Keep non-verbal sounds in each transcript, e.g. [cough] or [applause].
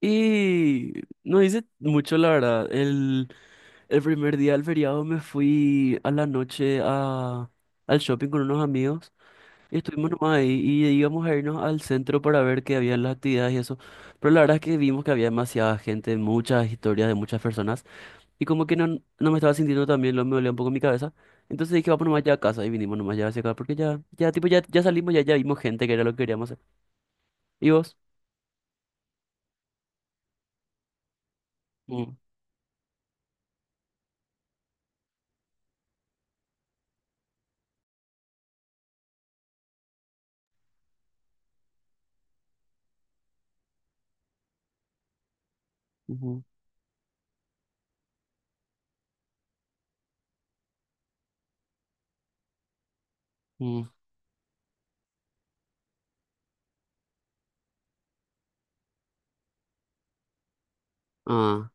Y no hice mucho, la verdad. El primer día del feriado me fui a la noche al shopping con unos amigos. Y estuvimos nomás ahí y íbamos a irnos al centro para ver qué había en las actividades y eso. Pero la verdad es que vimos que había demasiada gente, muchas historias de muchas personas. Y como que no, no me estaba sintiendo tan bien, lo me dolía un poco mi cabeza. Entonces dije, vamos nomás ya a casa y vinimos nomás ya hacia acá porque ya, ya, tipo, ya, ya salimos, ya, ya vimos gente que era lo que queríamos hacer. ¿Y vos? Mm, ujú, mm, ah.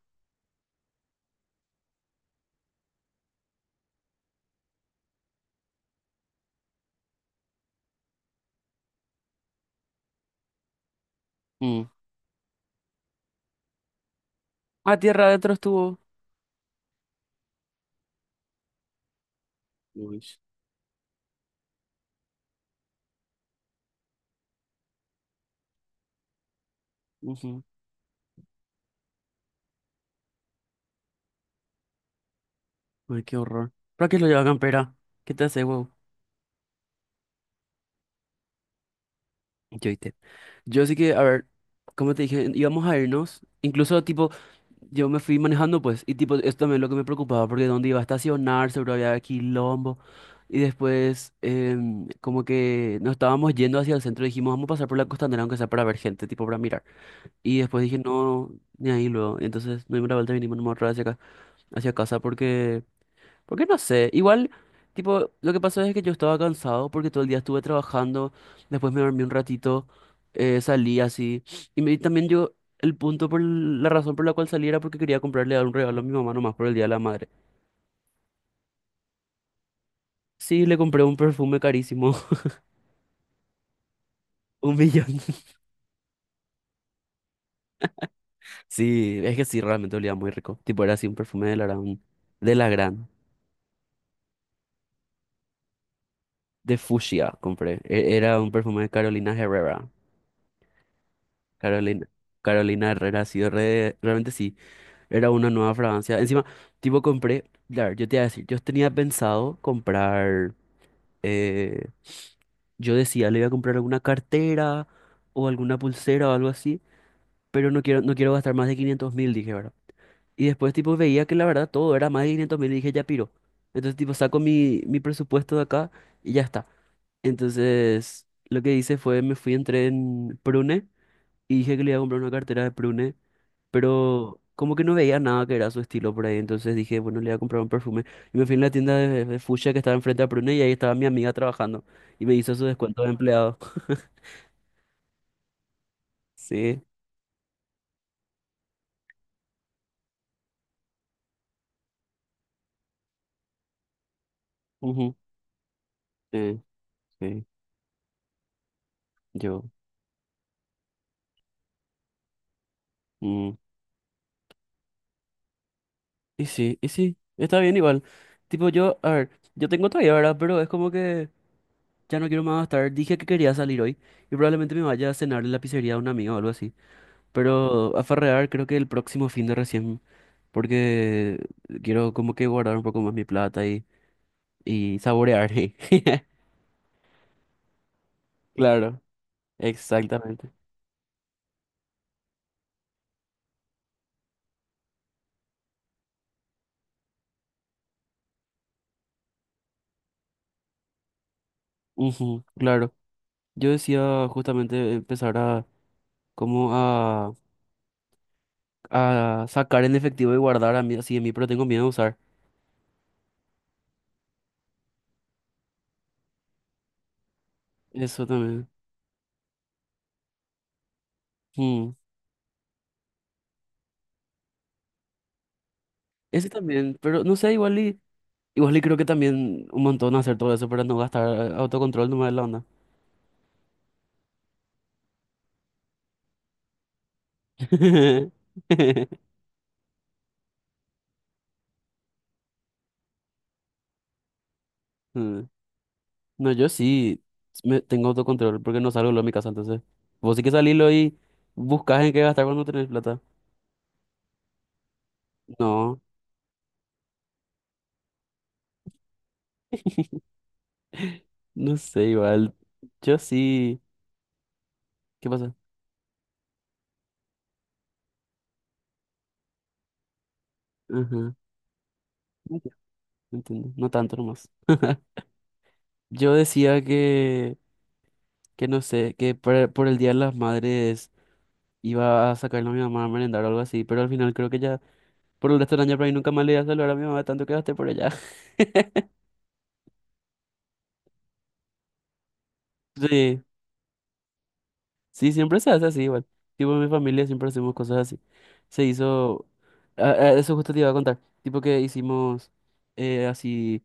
Ah, tierra adentro estuvo. Uy, ujú. Ay, qué horror. ¿Para qué lo lleva campera? ¿Qué te hace, wow? Yo, ¿viste? Yo sí que, a ver, como te dije, íbamos a irnos. Incluso, tipo, yo me fui manejando, pues, y, tipo, esto también es lo que me preocupaba, porque dónde iba a estacionar, seguro había quilombo. Y después, como que nos estábamos yendo hacia el centro, dijimos, vamos a pasar por la costanera, aunque sea para ver gente, tipo, para mirar. Y después dije, no, ni ahí luego. Y entonces, no dimos la vuelta y vinimos nomás otra vez hacia acá, hacia casa, porque. Porque no sé, igual, tipo, lo que pasó es que yo estaba cansado porque todo el día estuve trabajando, después me dormí un ratito, salí así, y, me, y también yo, el punto por la razón por la cual salí era porque quería comprarle un regalo a mi mamá nomás por el Día de la Madre. Sí, le compré un perfume carísimo. [laughs] 1.000.000. [laughs] Sí, es que sí, realmente olía muy rico. Tipo, era así un perfume de la gran, de la gran, de fucsia compré. Era un perfume de Carolina Herrera. Carolina, Carolina Herrera, sí, realmente sí. Era una nueva fragancia. Encima, tipo, compré. Claro, yo te iba a decir, yo tenía pensado comprar. eh, yo decía, le voy a comprar alguna cartera o alguna pulsera o algo así. Pero no quiero, no quiero gastar más de 500.000, dije, ¿verdad? Y después, tipo, veía que la verdad todo era más de 500.000 y dije, ya piro. Entonces, tipo, saco mi presupuesto de acá y ya está. Entonces, lo que hice fue, me fui, entré en Prune y dije que le iba a comprar una cartera de Prune, pero como que no veía nada que era su estilo por ahí, entonces dije, bueno, le voy a comprar un perfume. Y me fui en la tienda de Fuchsia que estaba enfrente a Prune y ahí estaba mi amiga trabajando y me hizo su descuento de empleado. [laughs] Sí, ujú, sí, sí, yo. Mm. Y sí, está bien igual. Tipo, yo, a ver, yo tengo todavía, ¿verdad? Pero es como que ya no quiero más gastar. Dije que quería salir hoy y probablemente me vaya a cenar en la pizzería de un amigo o algo así. Pero a farrear creo que el próximo fin de recién porque quiero como que guardar un poco más mi plata y saborear. [laughs] ¿Eh? Claro, exactamente. Ujú, claro. Yo decía justamente empezar a como a sacar en efectivo y guardar a mí así de mí, pero tengo miedo a usar. Eso también. Mm, ese también, pero no sé, igual y, igual y creo que también un montón hacer todo eso para no gastar, autocontrol nomás de la onda. [laughs] Mm. No, yo sí me tengo autocontrol porque no salgo luego de mi casa, entonces. Vos sí que salílo y buscas en qué gastar cuando tenés plata. No, [laughs] no sé, igual. Yo sí. ¿Qué pasa? Ajá. Enti- Entiendo. No tanto nomás. [laughs] Yo decía que no sé, que por el Día de las Madres iba a sacarle a mi mamá a merendar o algo así, pero al final creo que ya por el resto del año por ahí nunca más le iba a saludar a mi mamá tanto que gasté por ella. [laughs] Sí. Sí, siempre se hace así igual. Tipo, en mi familia siempre hacemos cosas así. Se hizo... ah, ah, eso justo te iba a contar. Tipo que hicimos así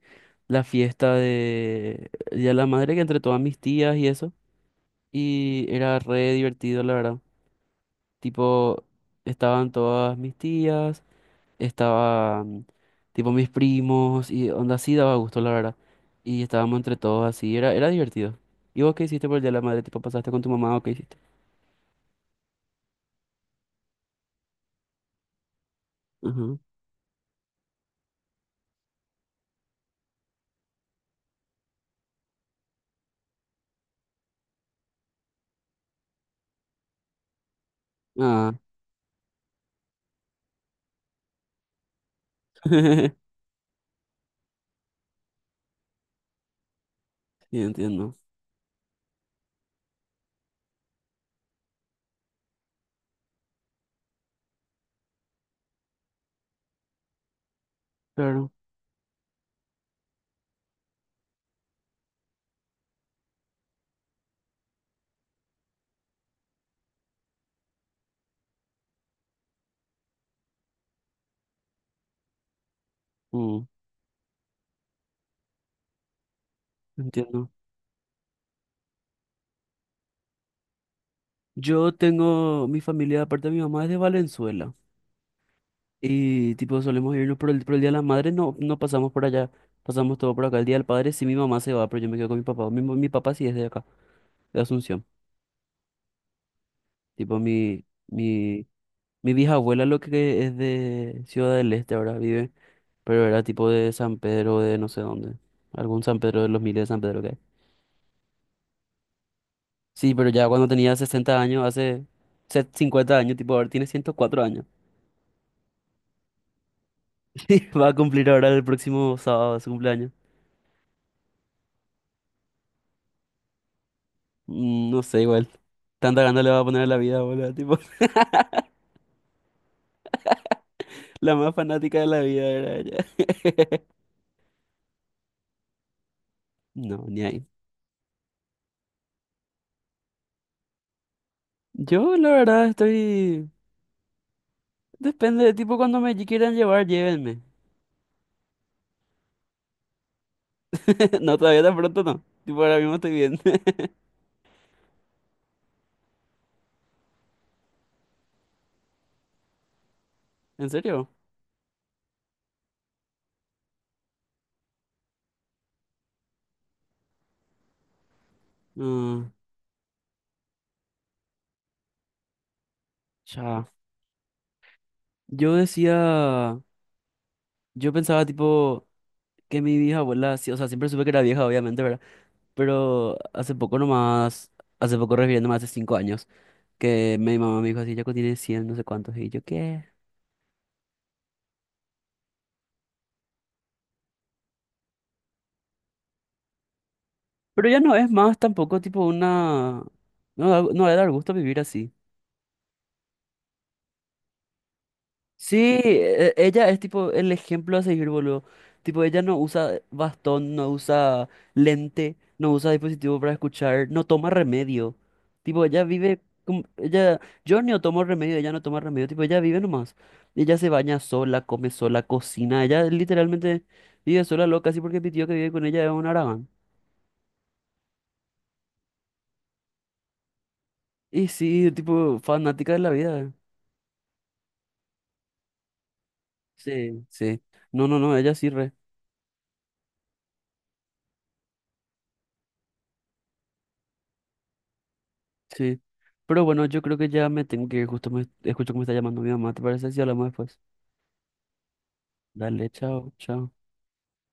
la fiesta de Día de la Madre que entre todas mis tías y eso. Y era re divertido, la verdad. Tipo, estaban todas mis tías, estaban tipo mis primos y onda así daba gusto, la verdad. Y estábamos entre todos así, era, era divertido. ¿Y vos qué hiciste por el Día de la Madre? ¿Tipo pasaste con tu mamá o qué hiciste? Ajá. [laughs] Sí, entiendo. Claro. Mm, entiendo. Yo tengo mi familia, aparte de mi mamá, es de Valenzuela. Y tipo, solemos irnos por el Día de la Madre, no, no pasamos por allá. Pasamos todo por acá. El Día del Padre, sí, mi mamá se va, pero yo me quedo con mi papá. Mi papá sí es de acá, de Asunción. Tipo, mi vieja abuela lo que es de Ciudad del Este ahora vive, pero era tipo de San Pedro, de no sé dónde. Algún San Pedro de los miles de San Pedro. Sí, pero ya cuando tenía 60 años, hace 50 años, tipo, ahora tiene 104 años. [laughs] Sí, va a cumplir ahora el próximo sábado su cumpleaños. Mm, no sé, igual. Tanta gana le va a poner a la vida, boludo. Tipo, [laughs] la más fanática de la vida era ella. [laughs] No, ni ahí. Yo, la verdad, estoy... Depende de tipo cuando me quieran llevar, llévenme. [laughs] No, todavía tan pronto no. Tipo, ahora mismo estoy bien. [laughs] ¿En serio? Mm, ya. Yo decía... Yo pensaba, tipo, que mi vieja abuela... sí, o sea, siempre supe que era vieja, obviamente, ¿verdad? Pero hace poco nomás, hace poco refiriéndome hace 5 años, que mi mamá me dijo así, Yaco tiene 100 no sé cuántos, y yo, ¿qué? Pero ya no es más tampoco tipo una... No, no debe dar gusto vivir así. Sí, ella es tipo el ejemplo a seguir, boludo. Tipo, ella no usa bastón, no usa lente, no usa dispositivo para escuchar, no toma remedio. Tipo, ella vive como- ella, yo no tomo remedio, ella no toma remedio, tipo, ella vive nomás. Ella se baña sola, come sola, cocina, ella literalmente vive sola loca, así porque mi tío que vive con ella es un aragán. Y sí, tipo, fanática de la vida. Sí, sí. No, no, no, ella sí, re. Sí. Pero bueno, yo creo que ya me tengo que ir, justo me escucho que me está llamando mi mamá, ¿te parece? Si hablamos después. Dale, chao, chao.